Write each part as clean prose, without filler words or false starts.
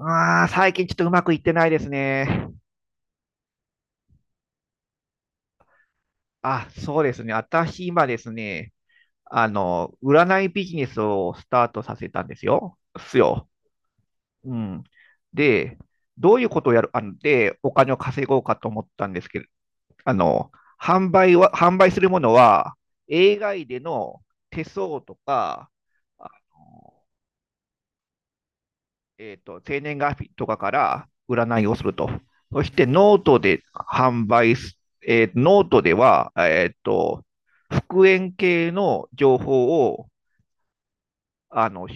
最近ちょっとうまくいってないですね。そうですね。私今ですね、占いビジネスをスタートさせたんですよ。うん。で、どういうことをやる、で、お金を稼ごうかと思ったんですけど、あの、販売するものは、AI での手相とか、あ生年月日とかから占いをすると。そしてノートで販売す、えーノートでは、復縁系の情報を、あの、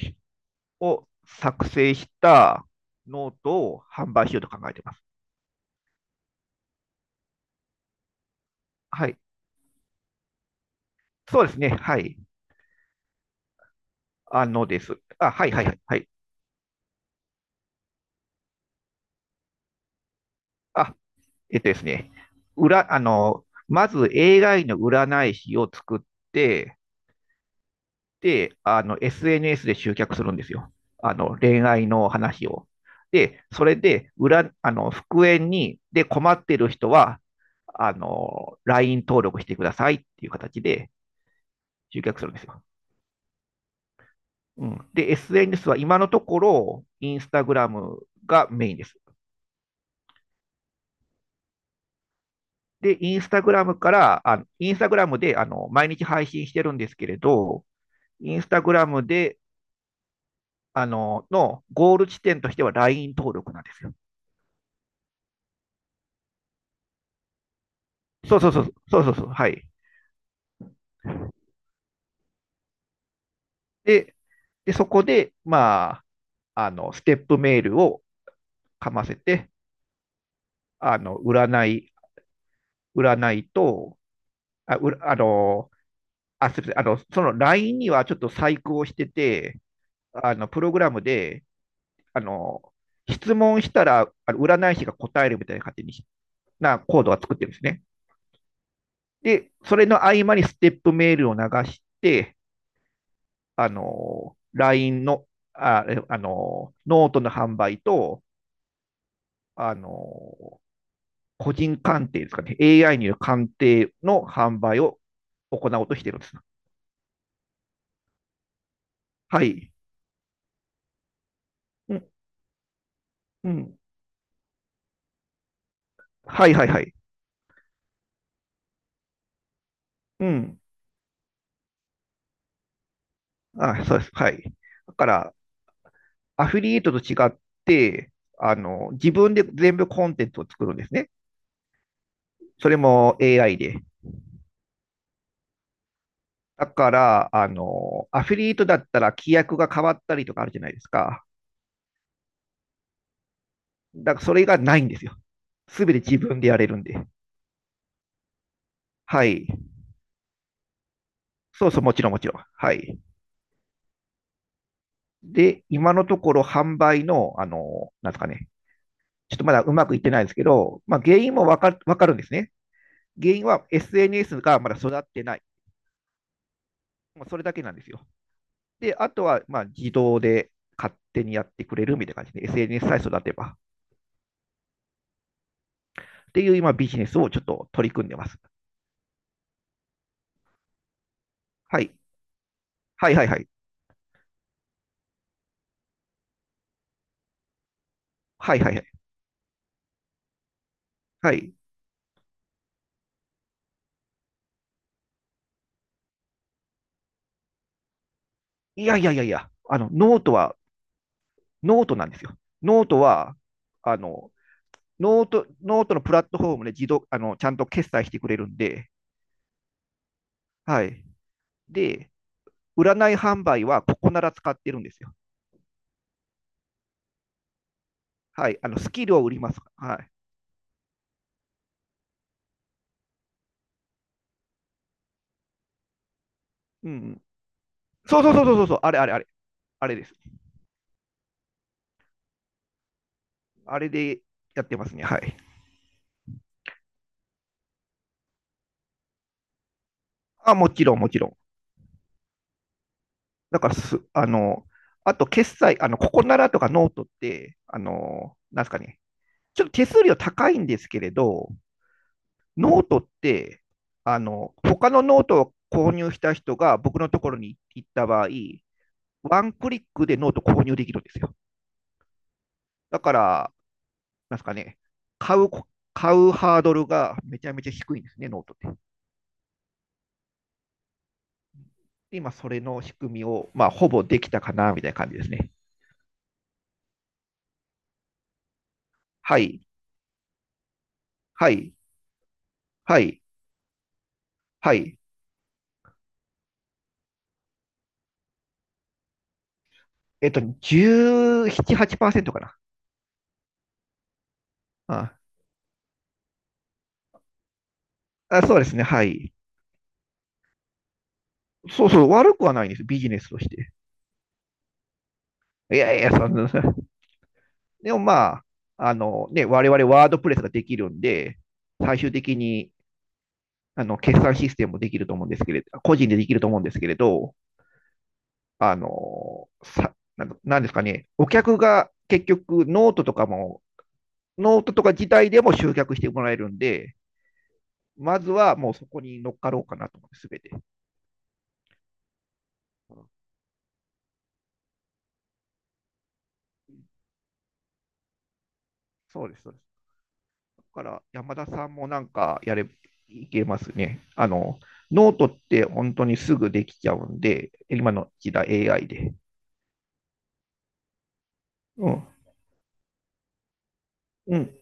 を作成したノートを販売しようと考えています。はい。そうですね。はい。あのです。あ、はいはいはい。はい。あ、えっとですね。裏、あの、まず AI の占い師を作って、で、SNS で集客するんですよ。恋愛の話を。で、それで、裏、あの、復縁に、で、困ってる人は、LINE 登録してくださいっていう形で集客するんですよ。うん。で、SNS は今のところ、インスタグラムがメインです。で、インスタグラムで、毎日配信してるんですけれど、インスタグラムでのゴール地点としては LINE 登録なんですよ。そうそうそう、そうそうそう、はい。で、で、そこで、まあ、ステップメールをかませて、あの、占い、占いと、あ、うら、あの、あ、すみません、その LINE にはちょっと細工をしてて、プログラムで、あの、質問したら、あの占い師が答えるみたいな感じになコードは作ってるんですね。で、それの合間にステップメールを流して、あの、LINE の、あ、えあの、ノートの販売と、あの、個人鑑定ですかね、AI による鑑定の販売を行おうとしているんです。はい。うん、うん。はいはいはい。うん。あ、そうです。はい。だから、アフィリエイトと違って、自分で全部コンテンツを作るんですね。それも AI で。だから、アフィリエイトだったら規約が変わったりとかあるじゃないですか。だから、それがないんですよ。すべて自分でやれるんで。はい。そうそう、もちろんもちろん。はい。で、今のところ販売の、なんですかね、ちょっとまだうまくいってないですけど、まあ、原因もわかるわかるんですね。原因は SNS がまだ育ってない。もうそれだけなんですよ。で、あとは、まあ、自動で勝手にやってくれるみたいな感じで、SNS さえ育てば。っていう今、ビジネスをちょっと取り組んでます。はい。はいはいはい。はいはいはい。はい。いやいやいやいや、ノートなんですよ。ノートは、あの、ノート、ノートのプラットフォームで自動、ちゃんと決済してくれるんで、はい。で、占い販売はここなら使ってるんですよ。はい。スキルを売ります。はい。うん。そうそうそうそうそう、あれあれあれ、あれです。あれでやってますね。はい。もちろんもちろん。だからす、あの、あと決済、ここならとかノートって、なんですかね、ちょっと手数料高いんですけれど、ノートって、他のノートを購入した人が僕のところに行った場合、ワンクリックでノート購入できるんですよ。だから、なんすかね、買うこ、買うハードルがめちゃめちゃ低いんですね、ノートって。で今、それの仕組みを、まあ、ほぼできたかな、みたいな感じですね。はい、はい、はい、はい。えっと、1ン8%かな。ああ、そうですね、はい。そうそう、悪くはないんです、ビジネスとして。いやいや、そんな、でもまあ、我々ワードプレスができるんで、最終的に決算システムもできると思うんですけれど、個人でできると思うんですけれど、あの、さ、なんかなんですかね、お客が結局ノートとか自体でも集客してもらえるんで、まずはもうそこに乗っかろうかなと思って、すべて。そうです、そうです。だから山田さんもなんかやれ、いけますね。ノートって本当にすぐできちゃうんで、今の時代 AI で。うん、うん、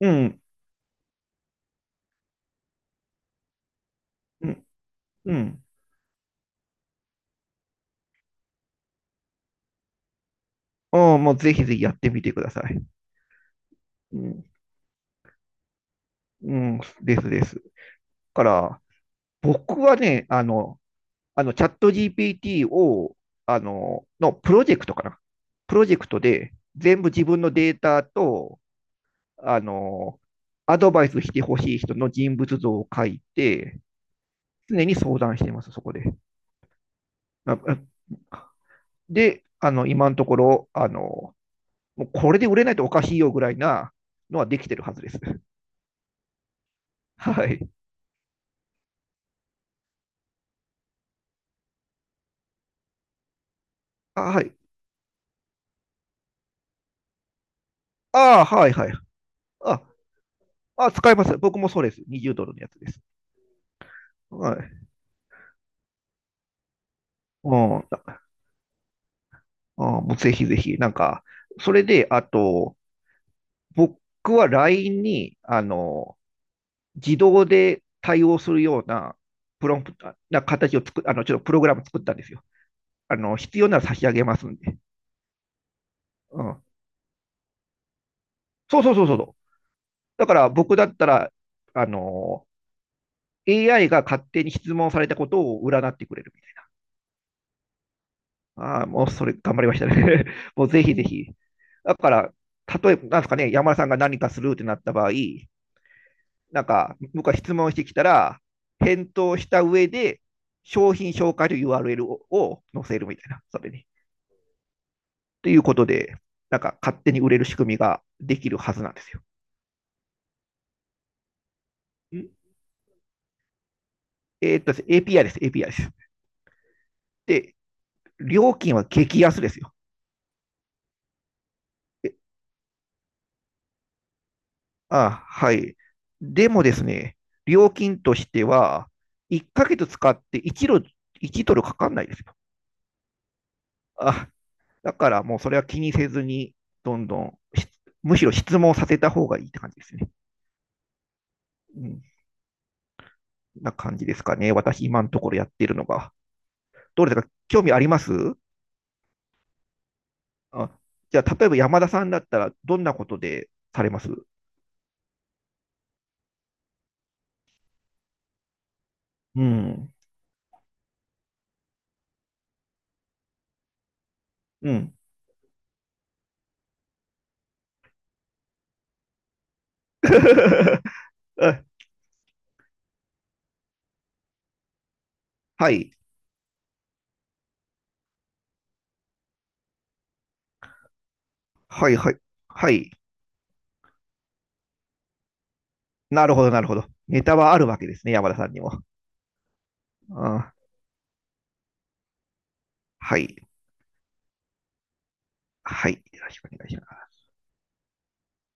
うん、うん、うん。うんもうぜひぜひやってみてください。うん、うん、ですです。だから、僕はね、チャット GPT を、あの、のプロジェクトかな。プロジェクトで全部自分のデータと、あの、アドバイスしてほしい人の人物像を書いて、常に相談してます、そこで。ああで、今のところ、もうこれで売れないとおかしいよぐらいなのはできてるはずです。はい。あ、はい。あ、はい、はい。あ、使います。僕もそうです。20ドルのやつです。はい。うん。もうぜひぜひ、なんか、それで、あと、僕は LINE に、自動で対応するような、プロンプトな形を作っ、あの、ちょっとプログラム作ったんですよ。必要なら差し上げますんで。うん。そうそうそうそうそう。だから僕だったら、あの、AI が勝手に質問されたことを占ってくれるみたいな。ああ、もうそれ頑張りましたね。もうぜひぜひ。だから、例えば、なんですかね、山田さんが何かするってなった場合、なんか、僕は質問してきたら、返答した上で、商品紹介という URL を載せるみたいな、それに。ということで、なんか勝手に売れる仕組みができるはずなんですよ。です、API です、API です。で、料金は激安ですよ。えはい。でもですね、料金としては、1ヶ月使って1ドル、いちドルかかんないですよ。あ、だからもうそれは気にせずに、どんどん、むしろ質問させた方がいいって感じですね。うん。な感じですかね。私、今のところやってるのが。どうですか？興味あります？あ、じゃあ、例えば山田さんだったら、どんなことでされます？うん。うん。あはい。はい、はい。はい。なるほど、なるほど。ネタはあるわけですね、山田さんにも。あはい。はい。よろしくお願いします。